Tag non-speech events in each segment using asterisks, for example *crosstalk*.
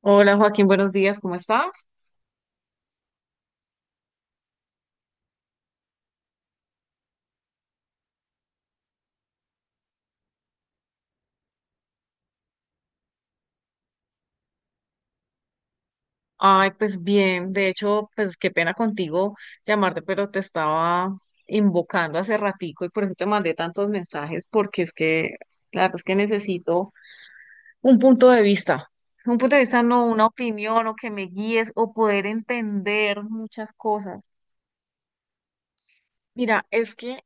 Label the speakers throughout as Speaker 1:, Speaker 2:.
Speaker 1: Hola Joaquín, buenos días, ¿cómo estás? Ay, pues bien, de hecho, pues qué pena contigo llamarte, pero te estaba invocando hace ratico y por eso te mandé tantos mensajes, porque es que, claro, es que necesito un punto de vista, un punto de vista, no una opinión o que me guíes o poder entender muchas cosas. Mira, es que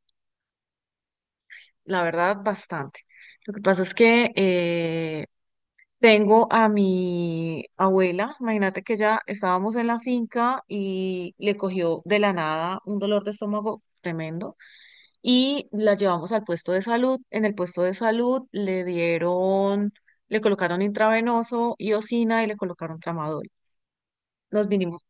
Speaker 1: la verdad, bastante. Lo que pasa es que, tengo a mi abuela, imagínate que ya estábamos en la finca y le cogió de la nada un dolor de estómago tremendo y la llevamos al puesto de salud. En el puesto de salud le dieron, le colocaron intravenoso, iosina y le colocaron tramadol. Nos vinimos.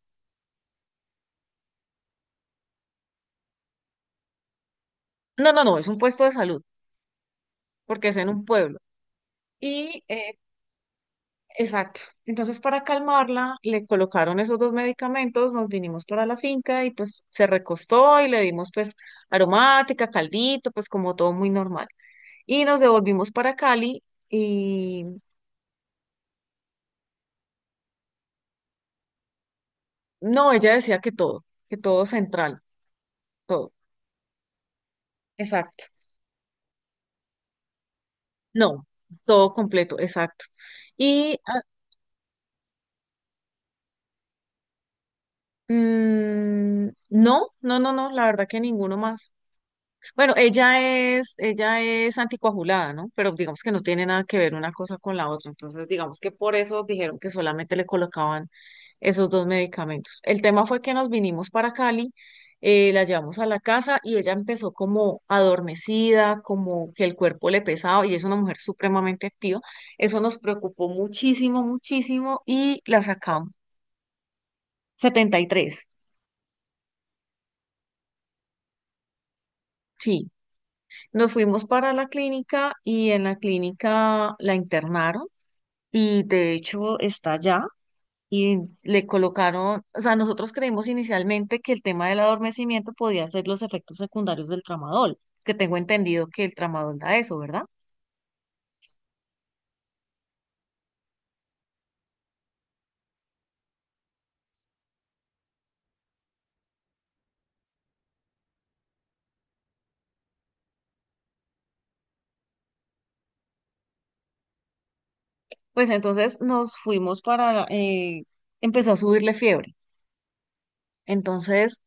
Speaker 1: No, no, no, es un puesto de salud porque es en un pueblo. Y eh, Exacto. Entonces, para calmarla, le colocaron esos dos medicamentos, nos vinimos para la finca y pues se recostó y le dimos pues aromática, caldito, pues como todo muy normal. Y nos devolvimos para Cali y no, ella decía que todo central, todo. Exacto. No, todo completo, exacto. Y ah, no, no, no, no, la verdad que ninguno más. Bueno, ella es anticoagulada, ¿no? Pero digamos que no tiene nada que ver una cosa con la otra. Entonces, digamos que por eso dijeron que solamente le colocaban esos dos medicamentos. El tema fue que nos vinimos para Cali, la llevamos a la casa y ella empezó como adormecida, como que el cuerpo le pesaba y es una mujer supremamente activa. Eso nos preocupó muchísimo, muchísimo y la sacamos. Setenta y tres. Sí, nos fuimos para la clínica y en la clínica la internaron y de hecho está allá y le colocaron, o sea, nosotros creímos inicialmente que el tema del adormecimiento podía ser los efectos secundarios del tramadol, que tengo entendido que el tramadol da eso, ¿verdad? Pues entonces nos fuimos para, empezó a subirle fiebre. Entonces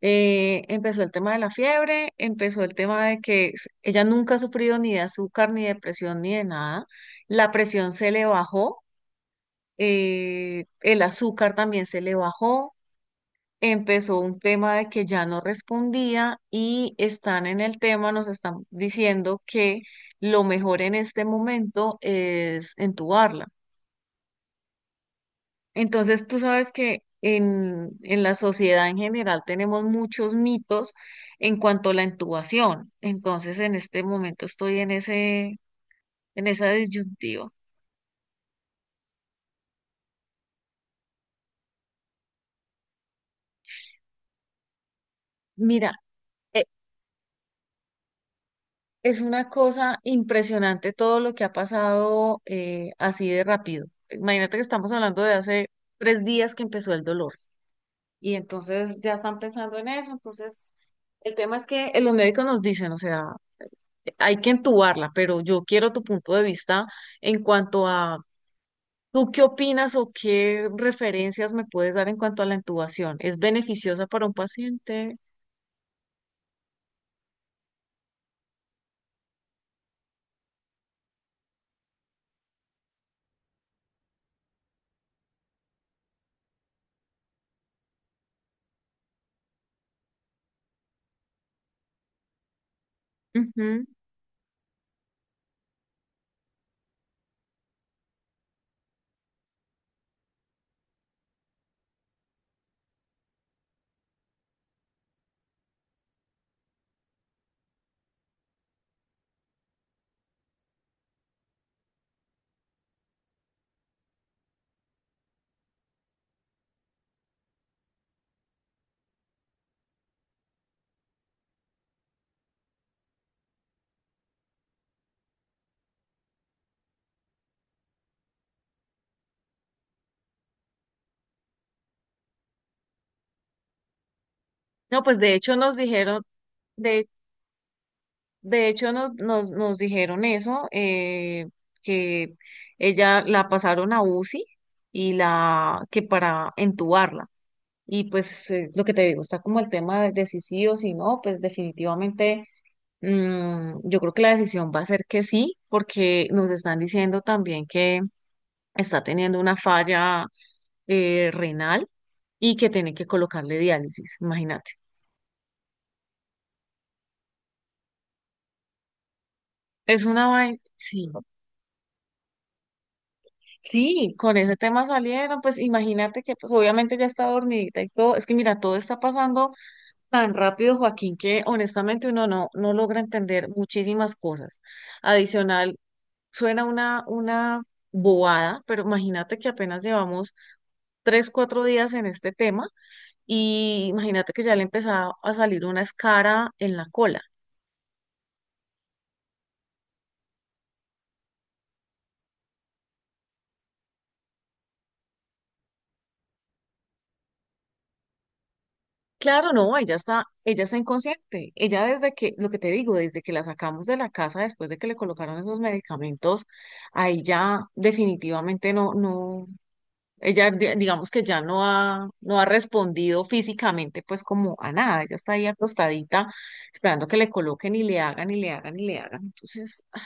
Speaker 1: empezó el tema de la fiebre, empezó el tema de que ella nunca ha sufrido ni de azúcar, ni de presión, ni de nada. La presión se le bajó, el azúcar también se le bajó, empezó un tema de que ya no respondía y están en el tema, nos están diciendo que lo mejor en este momento es entubarla. Entonces, tú sabes que en la sociedad en general tenemos muchos mitos en cuanto a la intubación. Entonces, en este momento estoy en ese, en esa disyuntiva. Mira, eh, es una cosa impresionante todo lo que ha pasado, así de rápido. Imagínate que estamos hablando de hace tres días que empezó el dolor y entonces ya están pensando en eso. Entonces, el tema es que los médicos nos dicen, o sea, hay que entubarla, pero yo quiero tu punto de vista en cuanto a, ¿tú qué opinas o qué referencias me puedes dar en cuanto a la intubación? ¿Es beneficiosa para un paciente? Ujú. No, pues de hecho nos dijeron, de De hecho, nos dijeron eso, que ella la pasaron a UCI y la que para entubarla. Y pues lo que te digo, está como el tema de si sí o si no, pues definitivamente yo creo que la decisión va a ser que sí, porque nos están diciendo también que está teniendo una falla renal y que tiene que colocarle diálisis, imagínate. Es una vaina, sí. Sí, con ese tema salieron, pues imagínate que pues obviamente ya está dormidita y todo, es que mira, todo está pasando tan rápido, Joaquín, que honestamente uno no, no logra entender muchísimas cosas. Adicional, suena una bobada, pero imagínate que apenas llevamos tres, cuatro días en este tema y imagínate que ya le empezaba a salir una escara en la cola. Claro, no, ella está inconsciente. Ella desde que, lo que te digo, desde que la sacamos de la casa después de que le colocaron esos medicamentos, ahí ya definitivamente no, no, digamos que ya no ha respondido físicamente pues como a nada. Ella está ahí acostadita esperando que le coloquen y le hagan y le hagan y le hagan. Entonces, *laughs* ay,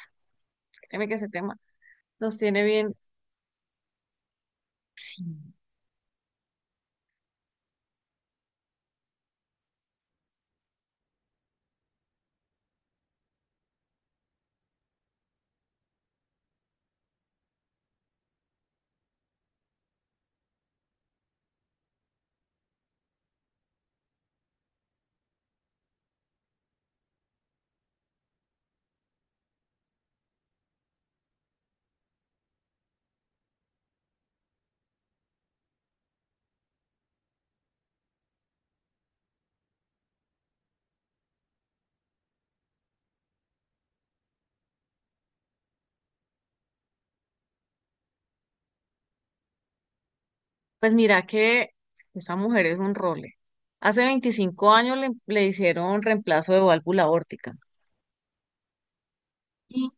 Speaker 1: créeme que ese tema nos tiene bien. Sí. Pues mira que esa mujer es un role. Hace 25 años le, le hicieron reemplazo de válvula aórtica. Y-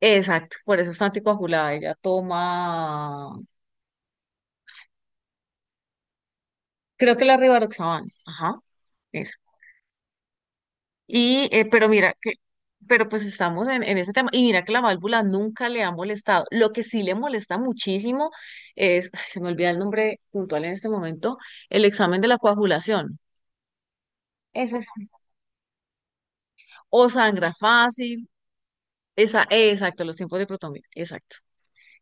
Speaker 1: Exacto, por eso está anticoagulada. Ella toma, creo que la rivaroxaban. Ajá, eso. Y, eh, pero mira, que, pero pues estamos en ese tema. Y mira que la válvula nunca le ha molestado. Lo que sí le molesta muchísimo es, ay, se me olvida el nombre puntual en este momento, el examen de la coagulación. Ese sí. O sangra fácil, esa, exacto, los tiempos de protomía, exacto.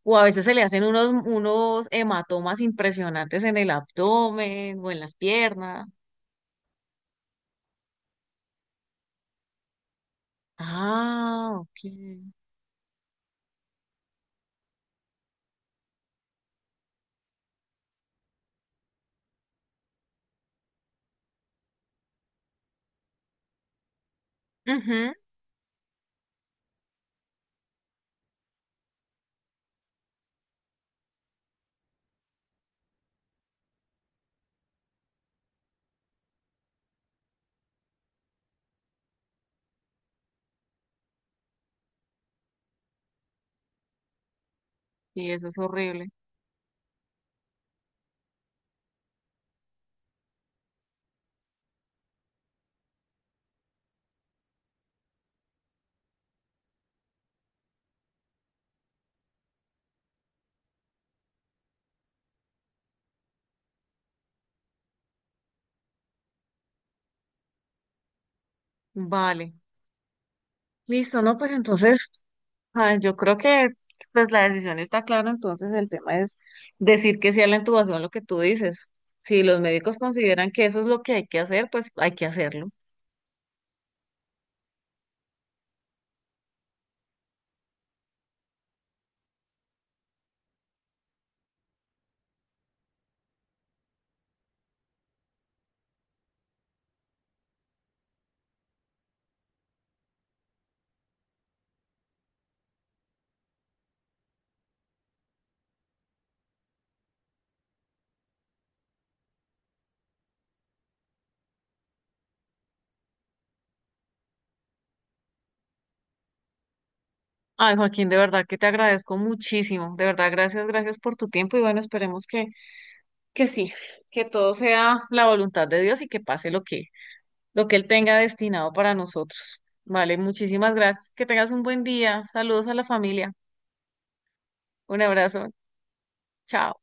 Speaker 1: O a veces se le hacen unos, unos hematomas impresionantes en el abdomen o en las piernas. Ah, ok. Ujú. Y eso es horrible. Vale. Listo, ¿no? Pues entonces, ah, yo creo que pues la decisión está clara, entonces el tema es decir que sea la intubación lo que tú dices. Si los médicos consideran que eso es lo que hay que hacer, pues hay que hacerlo. Ay, Joaquín, de verdad que te agradezco muchísimo. De verdad, gracias, gracias por tu tiempo y bueno, esperemos que sí, que todo sea la voluntad de Dios y que pase lo que Él tenga destinado para nosotros. Vale, muchísimas gracias. Que tengas un buen día. Saludos a la familia. Un abrazo. Chao.